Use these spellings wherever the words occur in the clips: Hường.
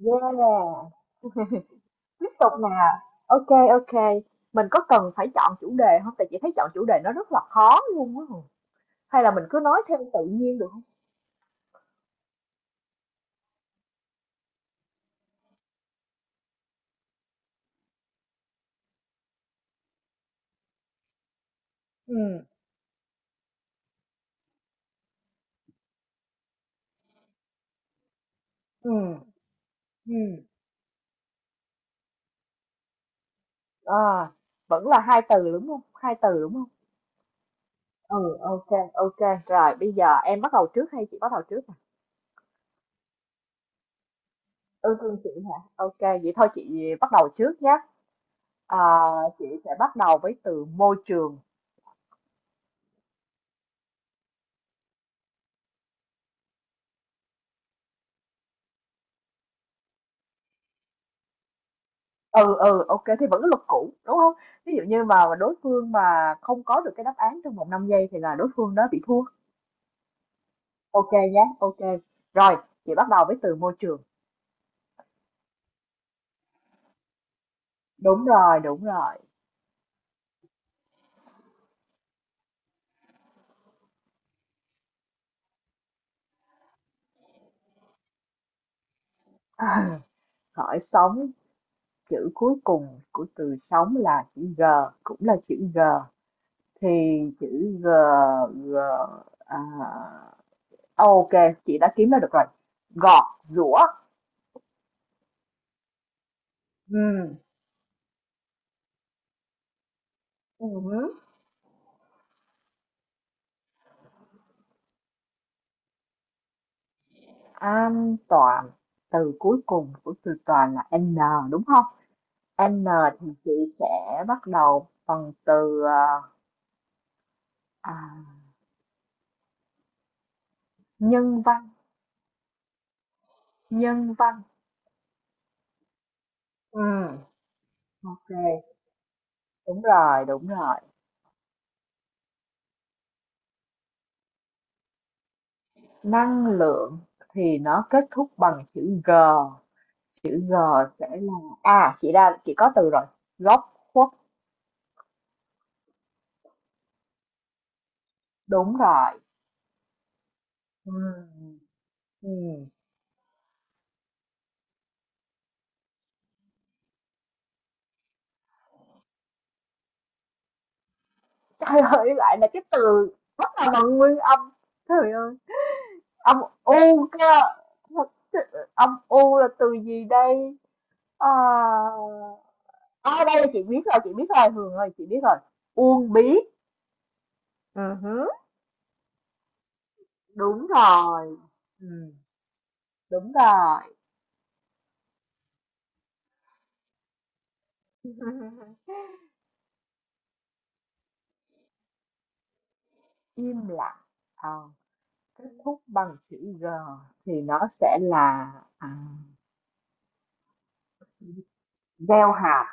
Yeah, tiếp tục nè. Ok, ok. Mình có cần phải chọn chủ đề không? Tại chị thấy chọn chủ đề nó rất là khó luôn á. Hường. Hay là mình cứ nói theo tự nhiên được không? Ừ. Ừ. Ừ. À, vẫn là hai từ đúng không? Hai từ đúng không? Ừ, ok, ok. Rồi, bây giờ em bắt đầu trước hay chị bắt đầu trước nè? Ừ, thương chị hả? Ok, vậy thôi chị bắt đầu trước nhé. À, chị sẽ bắt đầu với từ môi trường. Ừ, ừ, ok thì vẫn cái luật cũ, đúng không? Ví dụ như mà đối phương mà không có được cái đáp án trong vòng 5 giây thì là đối phương đó bị thua. Ok nhé. Ok. Rồi, chị bắt đầu với từ môi trường. Đúng rồi, đúng rồi. À, hỏi sống, chữ cuối cùng của từ sống là chữ G, cũng là chữ G. Thì chữ G, G, à, ô chị đã kiếm ra được rồi. Gọt, giũa. Ừm. Ừm. An toàn, từ cuối cùng của từ toàn là n đúng không? N thì chị sẽ bắt đầu bằng từ à, nhân văn. Nhân văn. Ừ, ok, đúng rồi, đúng rồi. Năng lượng thì nó kết thúc bằng chữ g. Chữ g sẽ là, chị ra, chị có từ rồi, góc khuất. Đúng rồi. Ừ. Ừ. Trời ơi, lại là cái từ rất là bằng nguyên âm. Trời ơi. Âm u cơ, âm u là từ gì đây? À a, đây chị biết rồi, Hường ơi, chị biết rồi. Uông bí. Ừ hứ. Đúng rồi. Ừm, đúng rồi. Im lặng. Ờ, kết thúc bằng chữ G thì nó sẽ là, à, gieo hạt,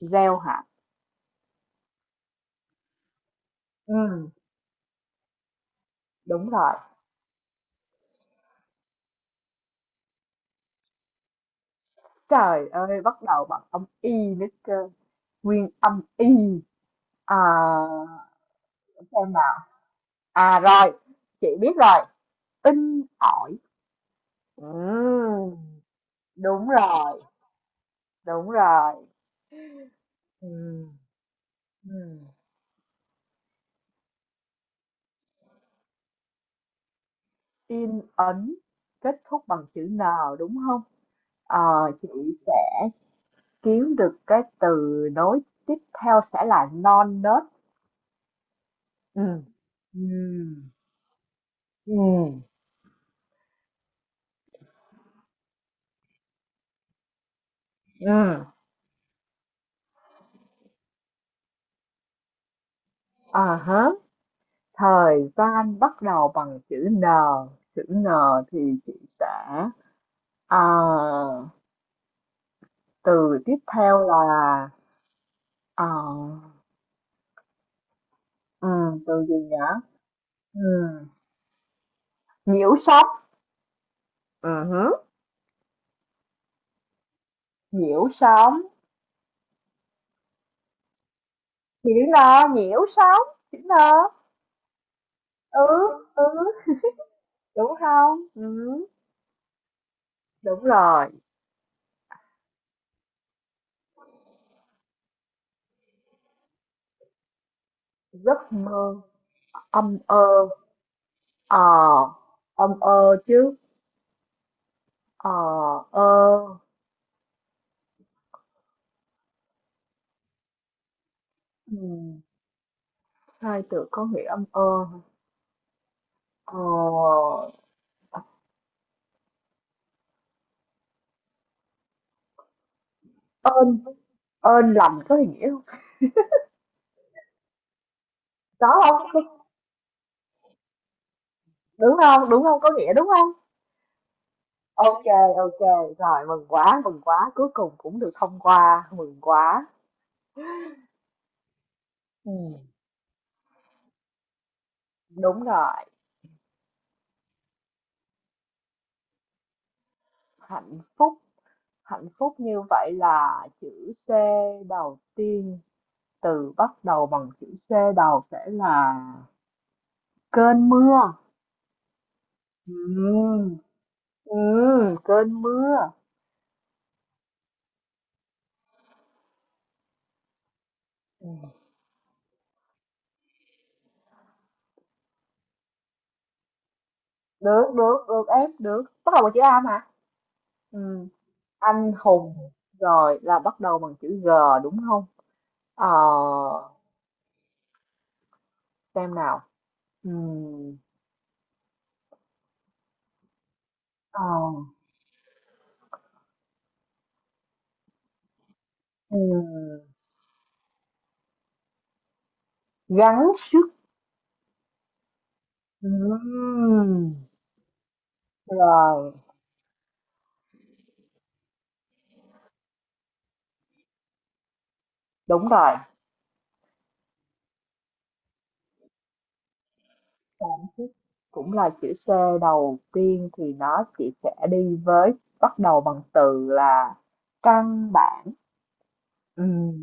gieo hạt. Ừm, đúng rồi. Trời ơi, bắt đầu bằng âm y nữa cơ. Nguyên âm y. À, xem nào. À, rồi, chị biết rồi, in ỏi. Ừm, đúng rồi, đúng rồi. Ừm, ừm. In ấn kết thúc bằng chữ N đúng không? Ờ, chị sẽ kiếm được cái từ nối tiếp theo sẽ là non nớt. Ừm, ừm, ừm, ừm. À hả, thời gian bắt đầu bằng chữ N thì chị sẽ, à, từ tiếp theo là, ờ, từ gì nhỉ? Ừm, Nhiễu sóng. Ừ hứ. Nhiễu sóng thì đứa lo nhiễu sóng, đứa lo. Ừ. Ừ, đúng không? Ừ, đúng rồi. Giấc mơ. Âm ơ. Ờ, âm ơ chứ. Ờ. Ơ. Ừ. Hai từ có nghĩa, âm ơ. ờ ơn ơn lành có nghĩa không? Có không, đúng không? Đúng không, có nghĩa đúng không? Ok. Ok. Rồi mừng quá, cuối cùng cũng được thông qua, mừng quá. Ừm, đúng rồi, hạnh phúc, hạnh phúc như vậy là chữ C đầu tiên, từ bắt đầu bằng chữ C đầu sẽ là cơn mưa. Ừm, cơn mưa. Ừm. Được, được, được em, được. Bắt đầu bằng chữ A mà. Ừm, anh hùng, rồi là bắt đầu bằng chữ G đúng không? Ờ, xem nào. Ừm, ờ, ừm, Gắng sức. Ừm, rồi, đúng rồi, gắng sức cũng là chữ C đầu tiên thì nó chỉ sẽ đi với bắt đầu bằng từ là căn bản. Ừm,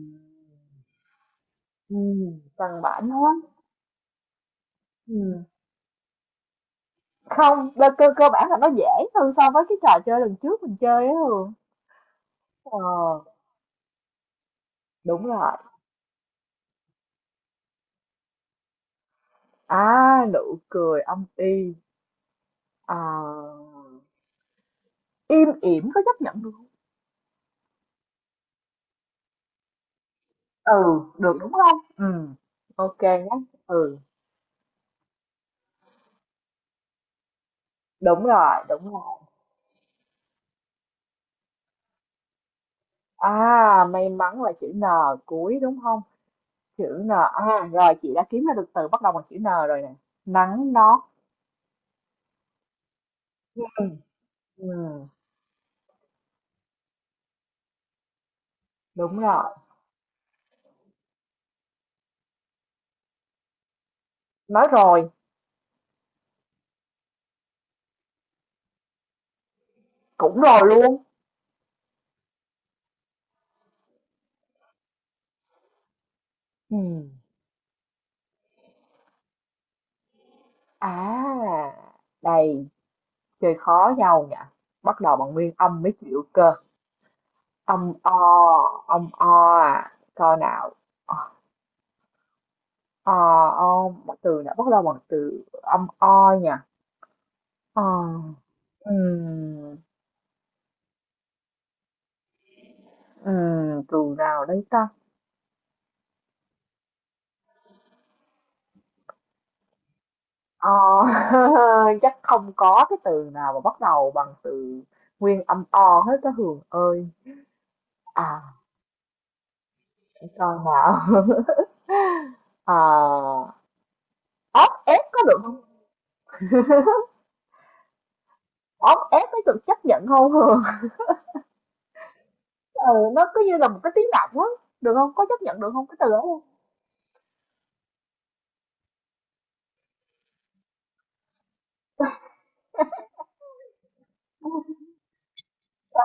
căn bản thôi. Ừm, không, cơ cơ cơ bản là nó dễ hơn so với cái trò chơi lần trước mình chơi á, Hường. Ờ, đúng rồi, nụ cười âm y. À. Im ỉm có chấp nhận được không? Ừ, được đúng không? Ừ. Ok nhé. Ừ, đúng rồi, đúng rồi. À, may mắn là chữ N cuối đúng không? Chữ N. À, rồi chị đã kiếm ra được từ bắt đầu bằng chữ N rồi nè. Nắng nót. Ừ, ừ, đúng rồi. Nói rồi, cũng rồi luôn. Ừ. À, đây, chơi khó nhau nhỉ. Bắt đầu bằng nguyên âm mới chịu cơ. Âm o, âm o à. Coi nào. Ờ. Ông một từ nữa bắt đầu bằng từ âm o nhỉ. ờ ừm, Từ nào đây ta? ờ chắc không có cái từ nào mà bắt đầu bằng từ nguyên âm o hết cái, Hường ơi. à để coi nào. ờ ốc ép có được không? Ốc ép có được chấp nhận không, Hường? Ừ, nó cứ như là một cái tiếng động á. Được không, có chấp nhận được không cái từ đó không?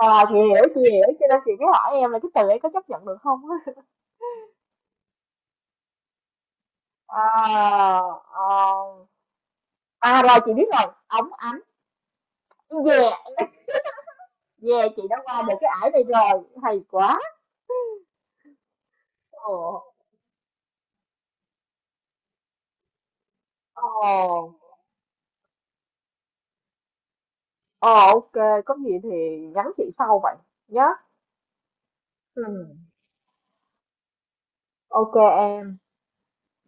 Chị hiểu, chị hiểu cho nên chị mới hỏi em là cái từ ấy có chấp nhận được không. Ờ, ờ. Rồi chị biết rồi, ống ánh. Về. Về, chị đã qua được cái ải này rồi, hay quá. Ồ. Ồ. Ồ. Ok, có gì thì nhắn chị sau vậy nhé. Ừ. Ok em.